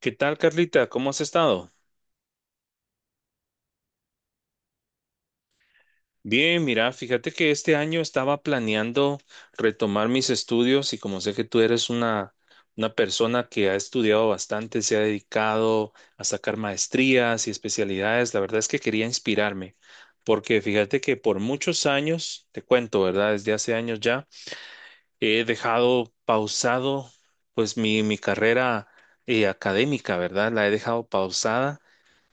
¿Qué tal, Carlita? ¿Cómo has estado? Bien, mira, fíjate que este año estaba planeando retomar mis estudios y como sé que tú eres una persona que ha estudiado bastante, se ha dedicado a sacar maestrías y especialidades, la verdad es que quería inspirarme, porque fíjate que por muchos años, te cuento, ¿verdad? Desde hace años ya, he dejado pausado pues mi carrera académica, ¿verdad? La he dejado pausada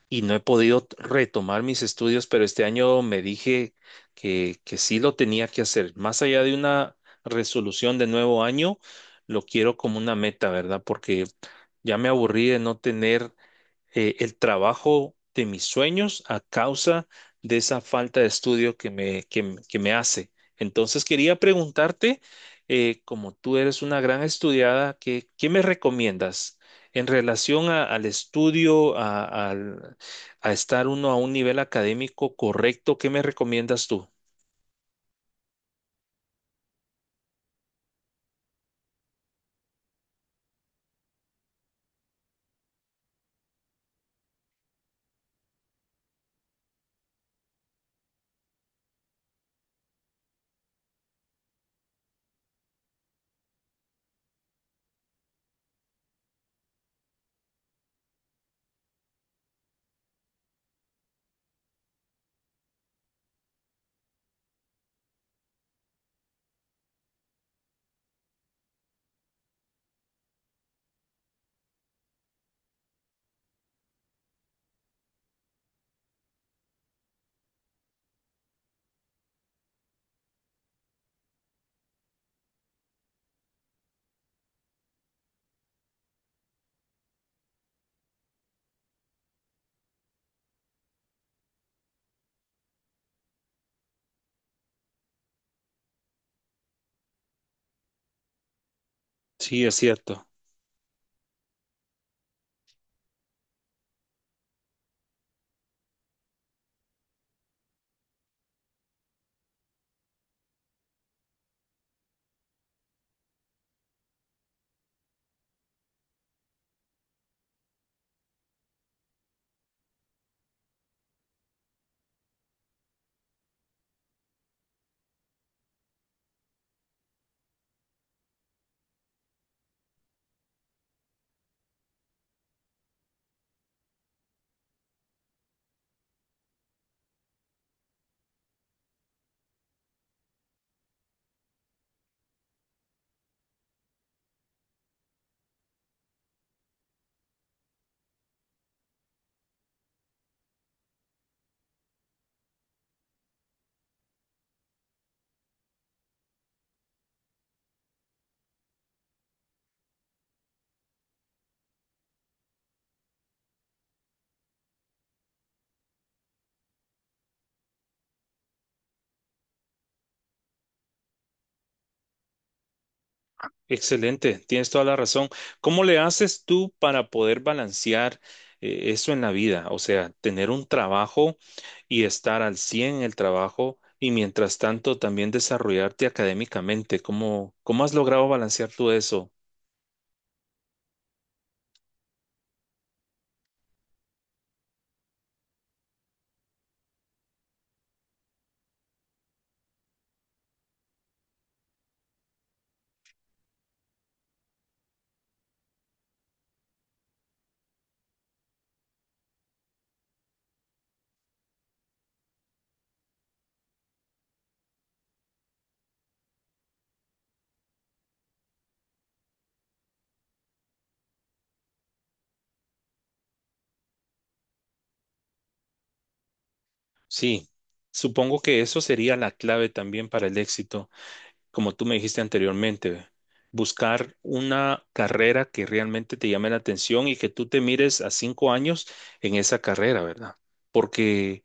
y no he podido retomar mis estudios, pero este año me dije que sí lo tenía que hacer. Más allá de una resolución de nuevo año, lo quiero como una meta, ¿verdad? Porque ya me aburrí de no tener el trabajo de mis sueños a causa de esa falta de estudio que me hace. Entonces quería preguntarte, como tú eres una gran estudiada, ¿qué me recomiendas en relación al estudio, a estar uno a un nivel académico correcto? ¿Qué me recomiendas tú? Sí, es cierto. Excelente, tienes toda la razón. ¿Cómo le haces tú para poder balancear eso en la vida? O sea, tener un trabajo y estar al 100 en el trabajo y mientras tanto también desarrollarte académicamente. ¿Cómo has logrado balancear tú eso? Sí, supongo que eso sería la clave también para el éxito, como tú me dijiste anteriormente. Buscar una carrera que realmente te llame la atención y que tú te mires a 5 años en esa carrera, ¿verdad? Porque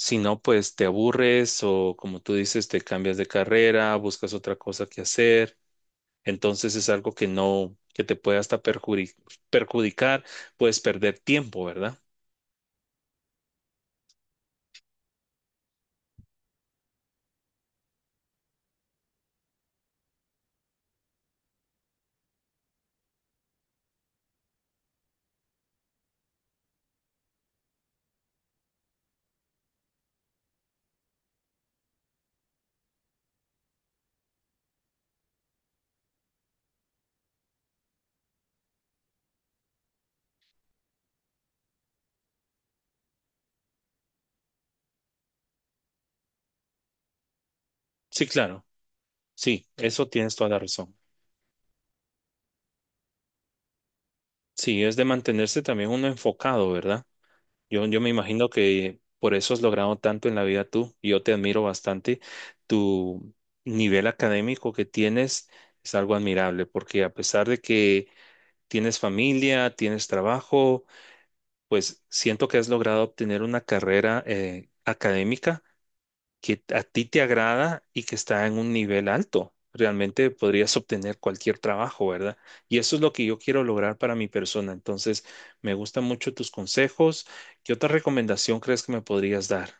si no, pues te aburres o como tú dices, te cambias de carrera, buscas otra cosa que hacer. Entonces es algo que no, que te puede hasta perjudicar, puedes perder tiempo, ¿verdad? Sí, claro. Sí, eso tienes toda la razón. Sí, es de mantenerse también uno enfocado, ¿verdad? Yo me imagino que por eso has logrado tanto en la vida tú. Yo te admiro bastante. Tu nivel académico que tienes es algo admirable, porque a pesar de que tienes familia, tienes trabajo, pues siento que has logrado obtener una carrera académica que a ti te agrada y que está en un nivel alto. Realmente podrías obtener cualquier trabajo, ¿verdad? Y eso es lo que yo quiero lograr para mi persona. Entonces, me gustan mucho tus consejos. ¿Qué otra recomendación crees que me podrías dar?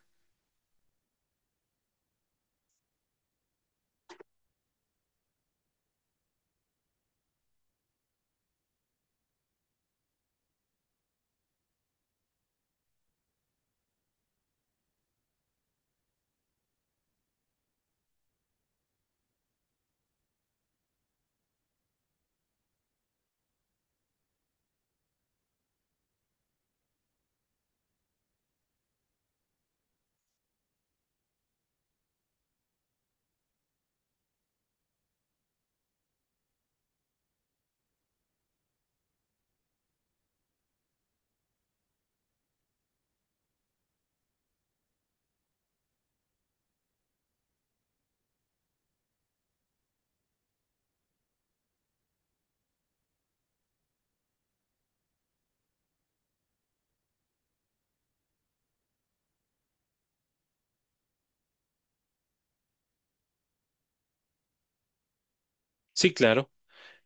Sí, claro.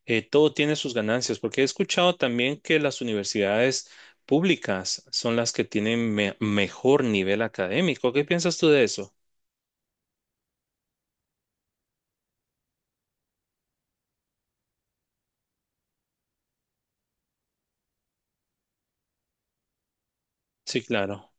Todo tiene sus ganancias, porque he escuchado también que las universidades públicas son las que tienen mejor nivel académico. ¿Qué piensas tú de eso? Sí, claro.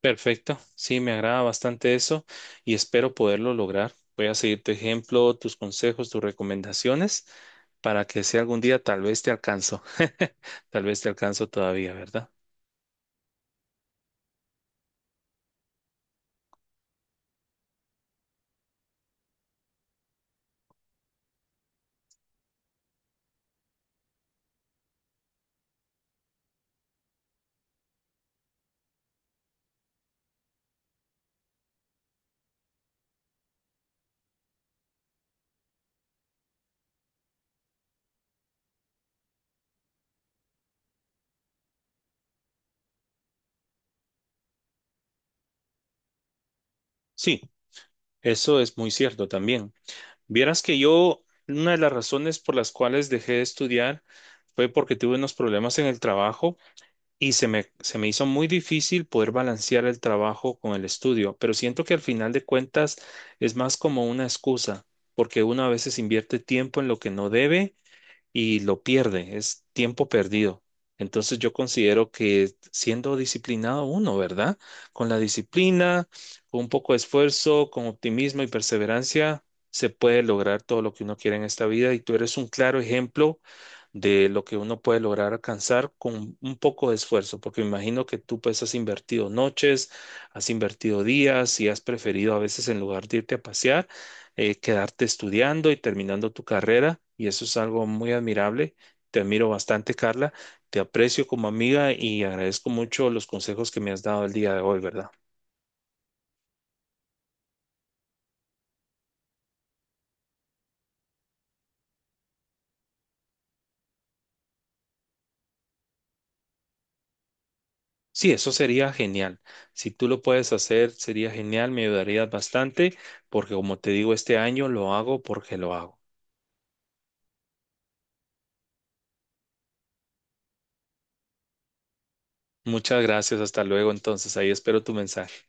Perfecto. Sí, me agrada bastante eso y espero poderlo lograr. Voy a seguir tu ejemplo, tus consejos, tus recomendaciones para que si algún día tal vez te alcanzo. Tal vez te alcanzo todavía, ¿verdad? Sí, eso es muy cierto también. Vieras que yo, una de las razones por las cuales dejé de estudiar fue porque tuve unos problemas en el trabajo y se me hizo muy difícil poder balancear el trabajo con el estudio, pero siento que al final de cuentas es más como una excusa, porque uno a veces invierte tiempo en lo que no debe y lo pierde, es tiempo perdido. Entonces yo considero que siendo disciplinado uno, ¿verdad? Con la disciplina, con un poco de esfuerzo, con optimismo y perseverancia, se puede lograr todo lo que uno quiere en esta vida y tú eres un claro ejemplo de lo que uno puede lograr alcanzar con un poco de esfuerzo, porque me imagino que tú pues has invertido noches, has invertido días y has preferido a veces en lugar de irte a pasear quedarte estudiando y terminando tu carrera, y eso es algo muy admirable. Te admiro bastante, Carla. Te aprecio como amiga y agradezco mucho los consejos que me has dado el día de hoy, ¿verdad? Sí, eso sería genial. Si tú lo puedes hacer, sería genial, me ayudarías bastante, porque como te digo, este año lo hago porque lo hago. Muchas gracias, hasta luego entonces, ahí espero tu mensaje.